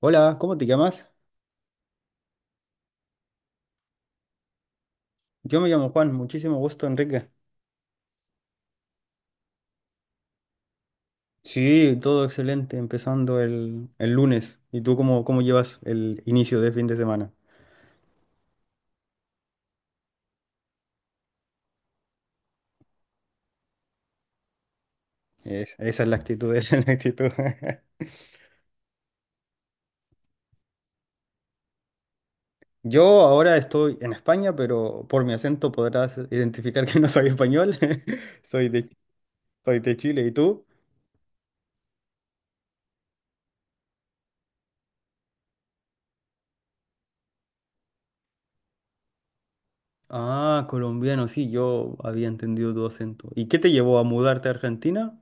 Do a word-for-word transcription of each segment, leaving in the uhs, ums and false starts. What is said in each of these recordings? Hola, ¿cómo te llamas? Yo me llamo Juan, muchísimo gusto, Enrique. Sí, todo excelente, empezando el, el lunes. ¿Y tú cómo, cómo llevas el inicio de fin de semana? Es- esa es la actitud, esa es la actitud. Yo ahora estoy en España, pero por mi acento podrás identificar que no soy español. Soy de, Soy de Chile, ¿y tú? Ah, colombiano, sí, yo había entendido tu acento. ¿Y qué te llevó a mudarte a Argentina?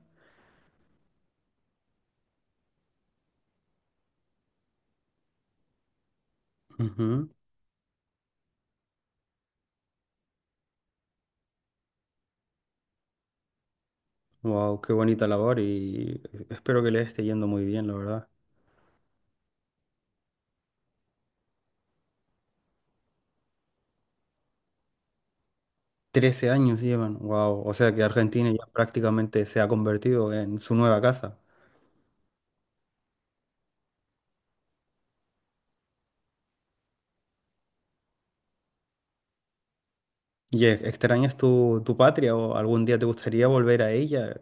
Wow, qué bonita labor y espero que le esté yendo muy bien, la verdad. Trece años llevan, wow, o sea que Argentina ya prácticamente se ha convertido en su nueva casa. ¿Y ex- extrañas tu, tu patria o algún día te gustaría volver a ella?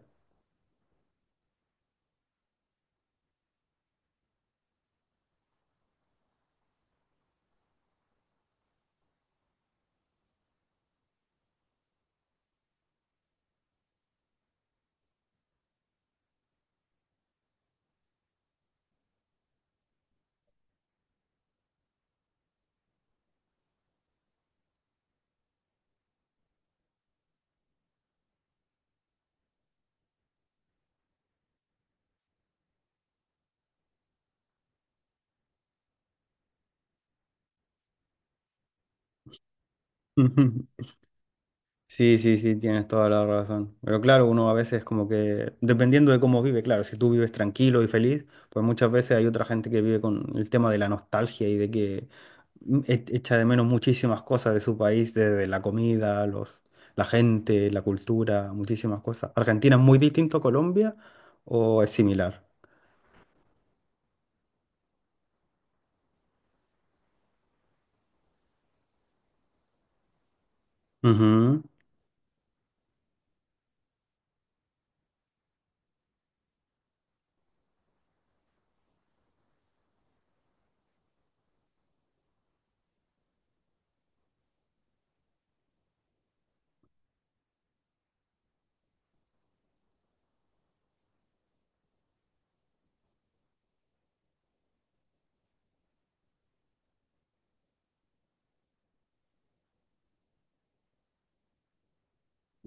Sí, sí, sí, tienes toda la razón. Pero claro, uno a veces como que, dependiendo de cómo vive, claro, si tú vives tranquilo y feliz, pues muchas veces hay otra gente que vive con el tema de la nostalgia y de que mm, e- echa de menos muchísimas cosas de su país, desde la comida, los, la gente, la cultura, muchísimas cosas. ¿Argentina es muy distinto a Colombia o es similar? Ujú.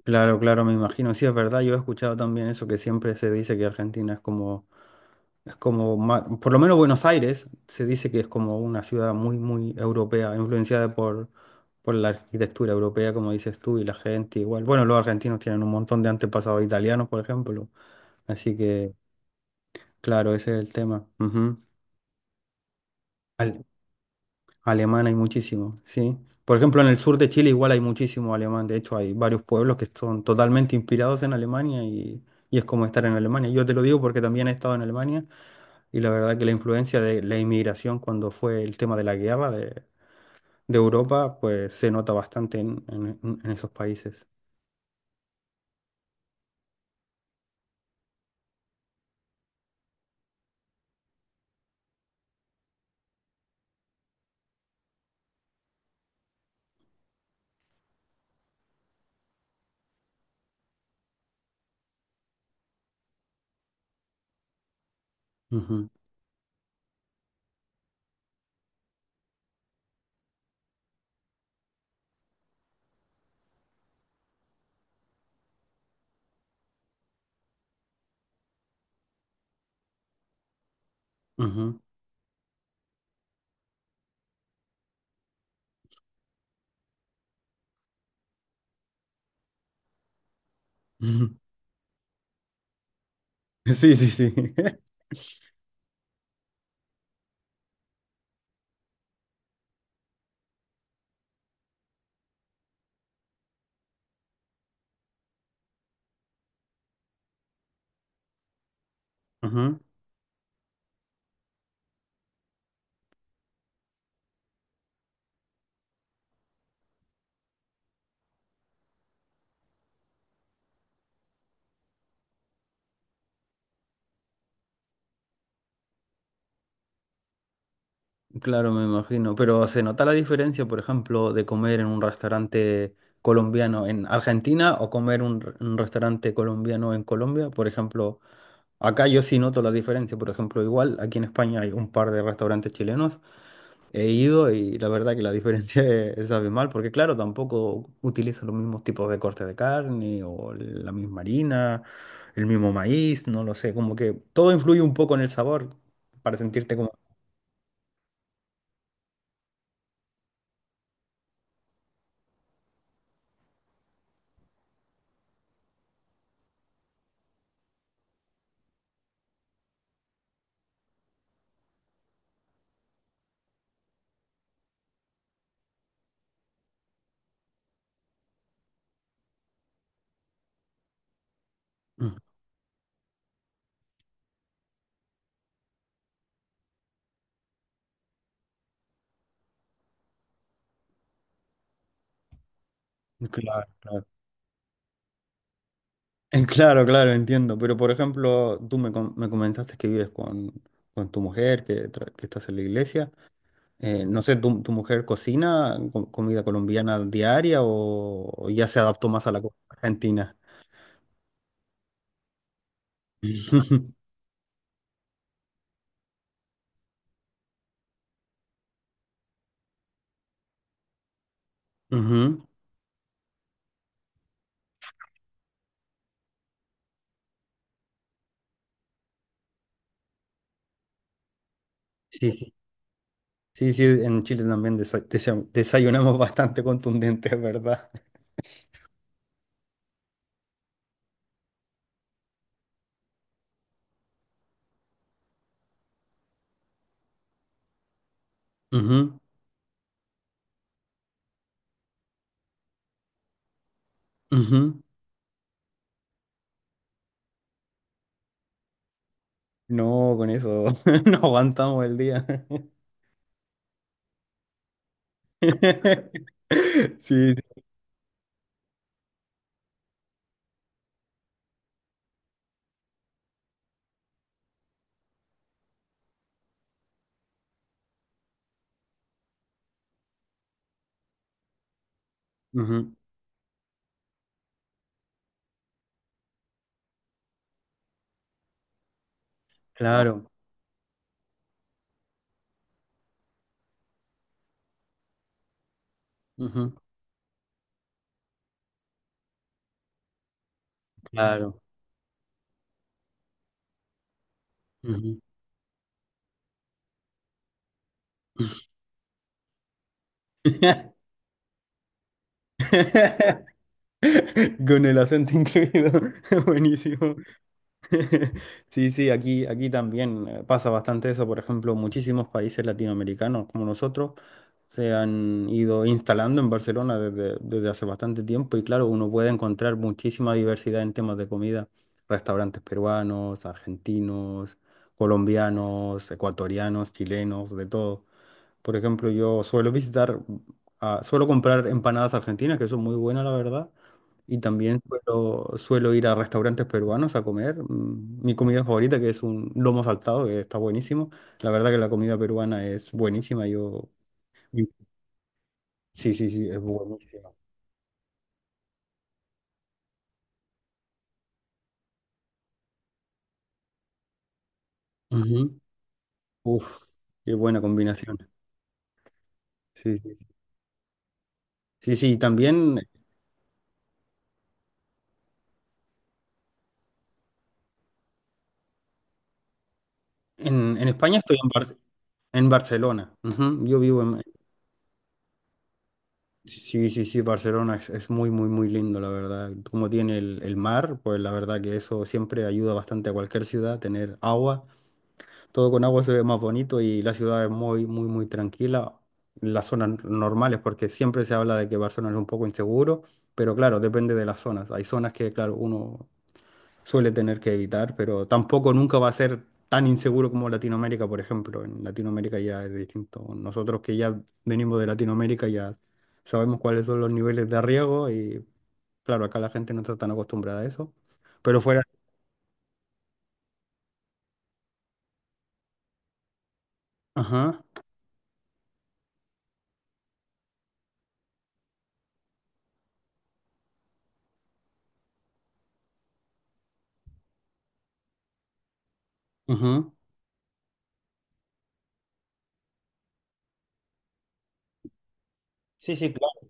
Claro, claro, me imagino, sí, es verdad, yo he escuchado también eso que siempre se dice que Argentina es como... Es como, ma- por lo menos Buenos Aires se dice que es como una ciudad muy, muy europea, influenciada por, por la arquitectura europea, como dices tú, y la gente igual. Bueno, los argentinos tienen un montón de antepasados italianos, por ejemplo. Así que, claro, ese es el tema. Ujú. Al- Alemán hay muchísimo, sí. Por ejemplo, en el sur de Chile igual hay muchísimo alemán. De hecho, hay varios pueblos que son totalmente inspirados en Alemania y, y es como estar en Alemania. Yo te lo digo porque también he estado en Alemania. Y la verdad que la influencia de la inmigración cuando fue el tema de la guerra de, de Europa, pues se nota bastante en, en- en esos países. Ujú, ujú, ujú. Sí, sí, sí. Ujú. Claro, me imagino. Pero se nota la diferencia, por ejemplo, de comer en un restaurante colombiano en Argentina o comer un, r- un restaurante colombiano en Colombia. Por ejemplo, acá yo sí noto la diferencia. Por ejemplo, igual aquí en España hay un par de restaurantes chilenos. He ido y la verdad que la diferencia es, es abismal, porque claro, tampoco utilizo los mismos tipos de cortes de carne o la misma harina, el mismo maíz, no lo sé, como que todo influye un poco en el sabor para sentirte como... Mm, claro, claro. Eh, Claro, claro, entiendo, pero por ejemplo, tú me, com- me comentaste que vives con, con tu mujer, que, tra- que estás en la iglesia. Eh, no sé, ¿tu, tu mujer cocina co- comida colombiana diaria o, o ya se adaptó más a la comida argentina? Ujú. Sí, sí, sí, sí, en Chile también desa- desa- desayunamos bastante contundente, es ¿verdad? Ujú, ujú. No, con eso no aguantamos el día. Sí, ujú, claro, ujú, claro. Ujú. Con el acento incluido, buenísimo. Sí, sí, aquí, aquí también eh, pasa bastante eso. Por ejemplo, muchísimos países latinoamericanos como nosotros se han ido instalando en Barcelona desde, desde hace bastante tiempo y claro, uno puede encontrar muchísima diversidad en temas de comida. Restaurantes peruanos, argentinos, colombianos, ecuatorianos, chilenos, de todo. Por ejemplo, yo suelo visitar, ah, suelo comprar empanadas argentinas que son muy buenas, la verdad. Y también suelo, suelo ir a restaurantes peruanos a comer. mm, Mi comida favorita, que es un lomo saltado, que está buenísimo. La verdad que la comida peruana es buenísima. Yo... Sí, sí, sí, es buenísima. Ujú. Uf, qué buena combinación. Sí, sí. Sí, sí, también en, en España estoy en, Bar- en Barcelona. Ujú, yo vivo en... Sí, sí, sí, Barcelona es, es muy, muy, muy lindo, la verdad. Como tiene el, el mar, pues la verdad que eso siempre ayuda bastante a cualquier ciudad, tener agua. Todo con agua se ve más bonito y la ciudad es muy, muy, muy tranquila. Las zonas n- normales, porque siempre se habla de que Barcelona es un poco inseguro, pero claro, depende de las zonas. Hay zonas que, claro, uno suele tener que evitar, pero tampoco nunca va a ser tan inseguro como Latinoamérica, por ejemplo. En Latinoamérica ya es distinto. Nosotros que ya venimos de Latinoamérica ya sabemos cuáles son los niveles de riesgo y, claro, acá la gente no está tan acostumbrada a eso. Pero fuera... Ajá, ajá. Sí, sí, claro.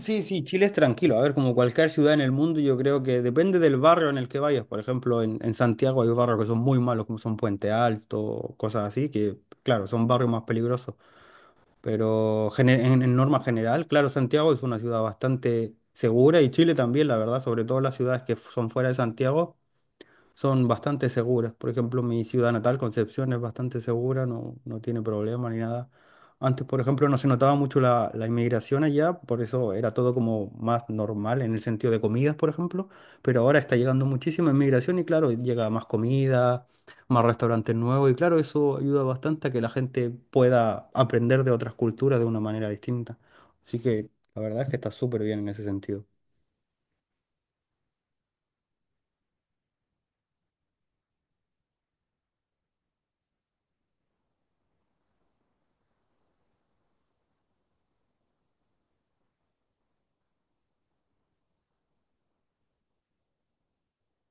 Sí, sí, Chile es tranquilo. A ver, como cualquier ciudad en el mundo, yo creo que depende del barrio en el que vayas. Por ejemplo, en, en Santiago hay barrios que son muy malos, como son Puente Alto, cosas así, que claro, son barrios más peligrosos. Pero gene- en, en norma general, claro, Santiago es una ciudad bastante segura y Chile también, la verdad, sobre todo las ciudades que f- son fuera de Santiago son bastante seguras. Por ejemplo, mi ciudad natal, Concepción, es bastante segura, no, no tiene problema ni nada. Antes, por ejemplo, no se notaba mucho la, la inmigración allá, por eso era todo como más normal en el sentido de comidas, por ejemplo, pero ahora está llegando muchísima inmigración y claro, llega más comida, más restaurantes nuevos y claro, eso ayuda bastante a que la gente pueda aprender de otras culturas de una manera distinta. Así que la verdad es que está súper bien en ese sentido.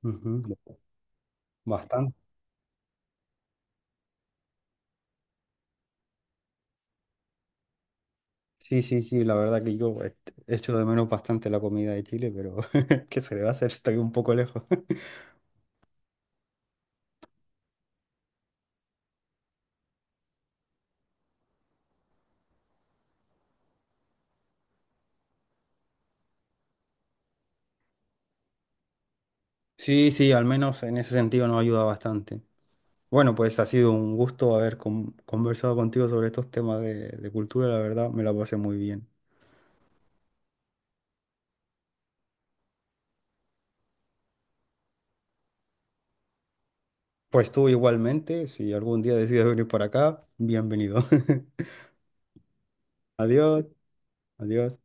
Ujú. Bastante. Sí, sí, sí, la verdad que yo este, echo de menos bastante la comida de Chile, pero ¿qué se le va a hacer? Estoy un poco lejos. Sí, sí, al menos en ese sentido nos ayuda bastante. Bueno, pues ha sido un gusto haber con- conversado contigo sobre estos temas de, de cultura, la verdad me la pasé muy bien. Pues tú igualmente, si algún día decides venir por acá, bienvenido. Adiós, adiós.